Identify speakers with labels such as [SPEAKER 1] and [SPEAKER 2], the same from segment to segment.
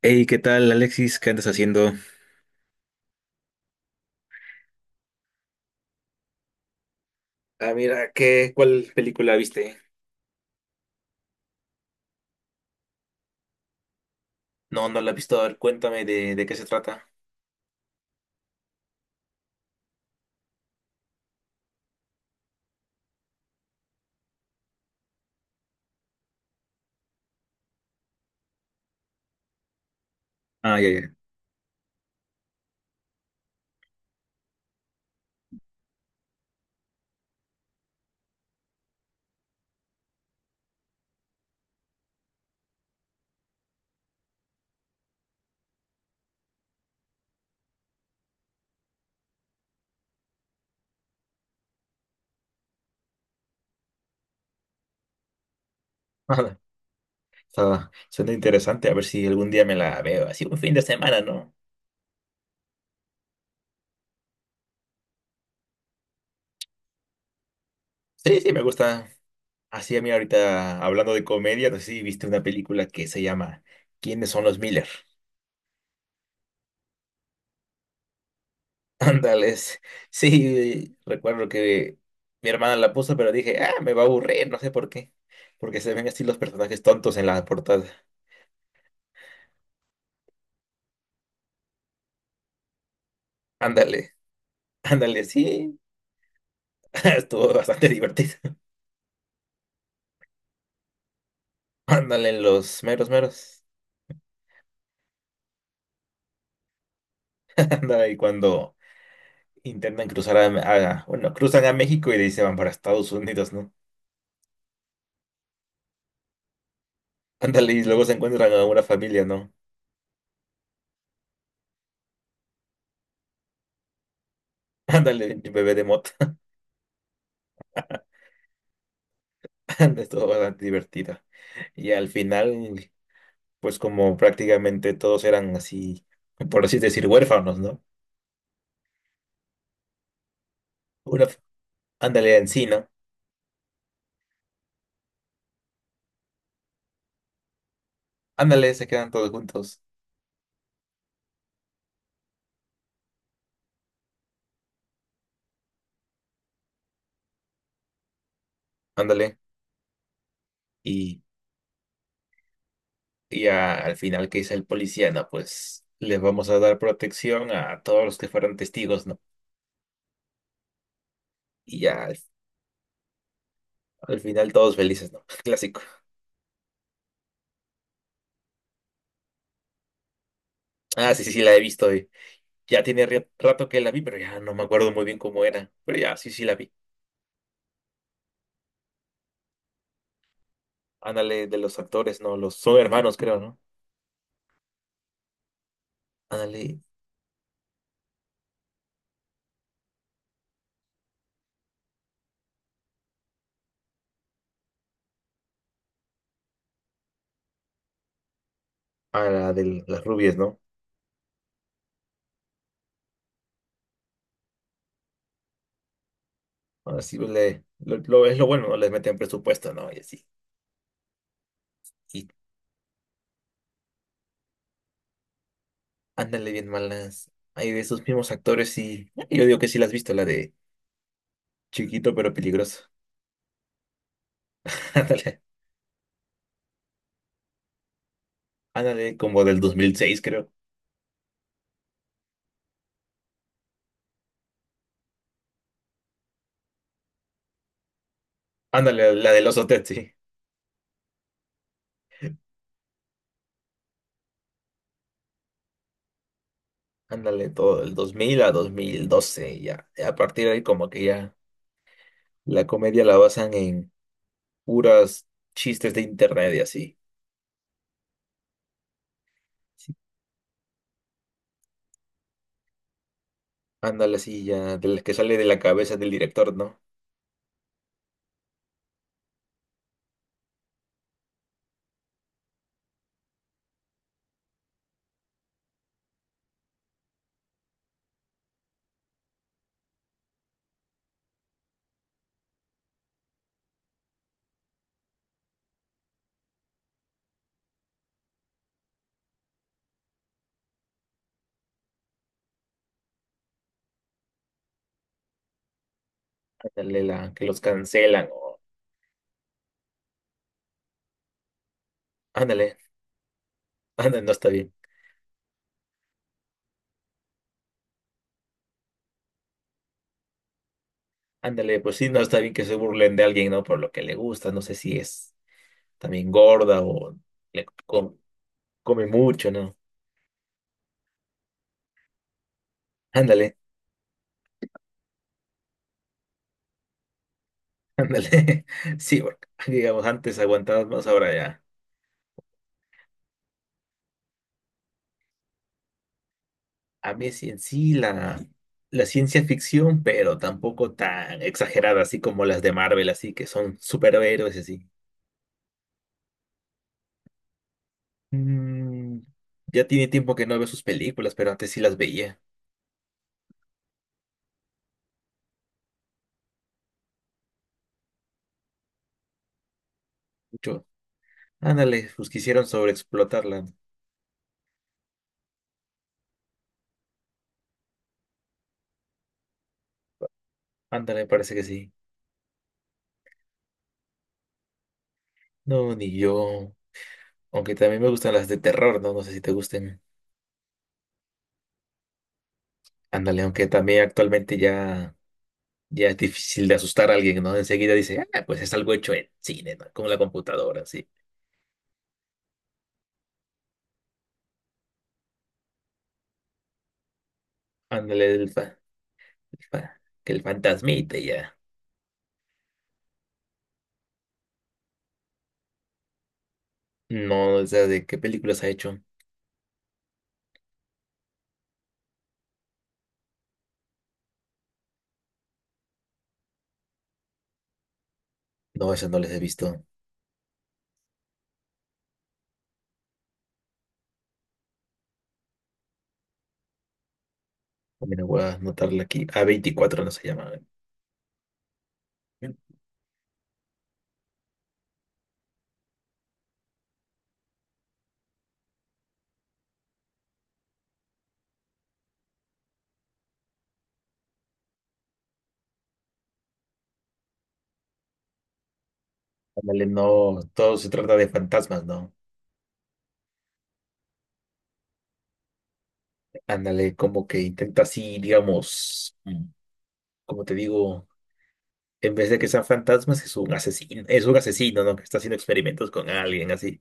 [SPEAKER 1] Hey, ¿qué tal, Alexis? ¿Qué andas haciendo? Ah, mira, ¿cuál película viste? No, no la he visto. A ver, cuéntame de qué se trata. Ah, ya, ya. Está, suena interesante. A ver si algún día me la veo. Así un fin de semana, ¿no? Sí, sí, me gusta. Así a mí ahorita, hablando de comedia, no sé si viste una película que se llama ¿Quiénes son los Miller? Ándales. Sí, recuerdo que mi hermana la puso, pero dije, ah, me va a aburrir, no sé por qué. Porque se ven así los personajes tontos en la portada. Ándale. Ándale, sí. Estuvo bastante divertido. Ándale, los meros meros. Ándale, cuando intentan cruzar a, bueno, cruzan a México y de ahí se van para Estados Unidos, ¿no? Ándale, y luego se encuentran a una familia, ¿no? Ándale, bebé de mota. Ándale, estuvo bastante divertida. Y al final, pues como prácticamente todos eran así, por así decir, huérfanos, ¿no? Una, ándale, en sí, ¿no? Ándale, se quedan todos juntos. Ándale. Y Al final, ¿qué dice el policía? No, pues les vamos a dar protección a todos los que fueron testigos, ¿no? Y ya al final todos felices, ¿no? Clásico. Ah, sí, sí, sí, la he visto, eh. Ya tiene rato que la vi, pero ya no me acuerdo muy bien cómo era. Pero ya, sí, sí, la vi. Ándale, de los actores, ¿no? Los son hermanos, creo, ¿no? Ándale, a la de las rubias, ¿no? Así es lo bueno, ¿no? Les meten presupuesto, ¿no? Y así. Y ándale, bien malas. Hay de esos mismos actores y yo digo que sí la has visto, la de Chiquito pero peligroso. Ándale, ándale, como del 2006, creo. Ándale, la del oso Ted, sí. Ándale, todo del 2000 a 2012, ya. A partir de ahí, como que ya la comedia la basan en puras chistes de internet y así. Sí. Ándale, sí, ya, de las que sale de la cabeza del director, ¿no? Ándale, la que los cancelan o. Ándale, ándale, no está bien. Ándale, pues sí, no está bien que se burlen de alguien, ¿no? Por lo que le gusta, no sé si es también gorda o le com- come mucho, ¿no? Ándale. Ándale. Sí, porque, digamos, antes aguantabas más, ahora ya. A mí sí la ciencia ficción, pero tampoco tan exagerada, así como las de Marvel, así que son superhéroes y así. Mm, ya tiene tiempo que no veo sus películas, pero antes sí las veía mucho. Ándale, pues quisieron sobreexplotarla. Ándale, parece que sí. No, ni yo. Aunque también me gustan las de terror, ¿no? No sé si te gusten. Ándale, aunque también actualmente ya. Ya es difícil de asustar a alguien, ¿no? Enseguida dice, ah, pues es algo hecho en cine, ¿no? Como la computadora, sí. Ándale, que el fantasmita y ya. No, o sea, ¿de qué películas ha hecho? No, esas no las he visto. Mira, voy a anotarla aquí. A24 no se llama. Ándale, no, todo se trata de fantasmas, ¿no? Ándale, como que intenta así, digamos, como te digo, en vez de que sean fantasmas, es un asesino, ¿no? Que está haciendo experimentos con alguien, así.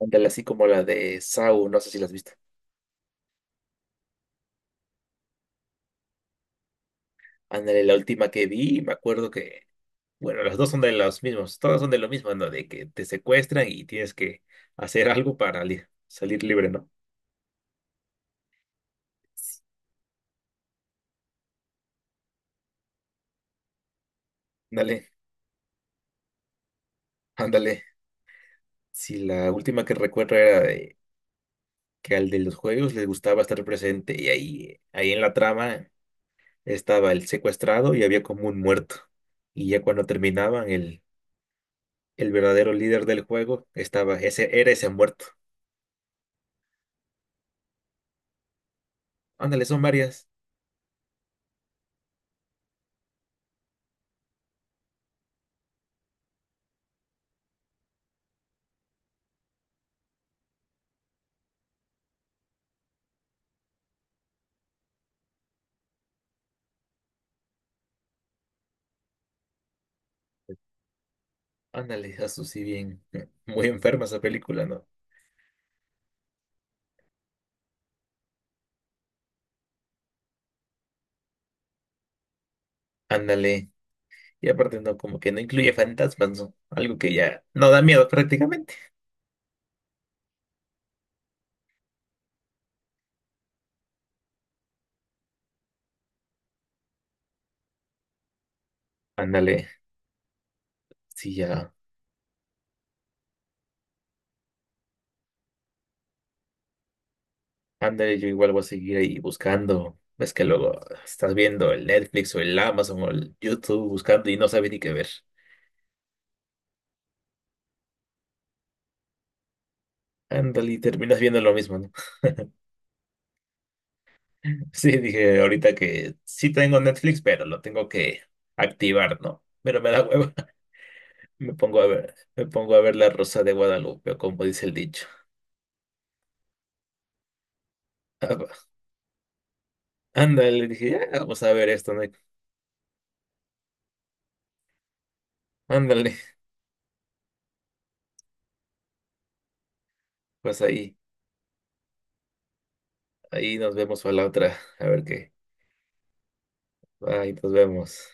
[SPEAKER 1] Ándale, así como la de Saw, no sé si la has visto. Ándale, la última que vi, me acuerdo que, bueno, las dos son de los mismos, todas son de lo mismo, ¿no? De que te secuestran y tienes que hacer algo para salir libre, ¿no? Ándale, ándale. Si la última que recuerdo era de que al de los juegos les gustaba estar presente y ahí en la trama estaba el secuestrado y había como un muerto. Y ya cuando terminaban, el verdadero líder del juego estaba, ese, era ese muerto. Ándale, son varias. Ándale, eso sí, bien. Muy enferma esa película, ¿no? Ándale. Y aparte, no, como que no incluye fantasmas, ¿no? Algo que ya no da miedo prácticamente. Ándale, sí, ya. Ándale, yo igual voy a seguir ahí buscando. Ves que luego estás viendo el Netflix o el Amazon o el YouTube buscando y no sabes ni qué ver. Ándale, y terminas viendo lo mismo, ¿no? Sí, dije ahorita que sí tengo Netflix, pero lo tengo que activar, ¿no? Pero me da hueva. Me pongo a ver, me pongo a ver La Rosa de Guadalupe, o como dice el dicho. Ah, va. Ándale, dije, ya, vamos a ver esto, ¿no? Ándale, pues ahí, ahí nos vemos para la otra, a ver qué. Ahí nos vemos.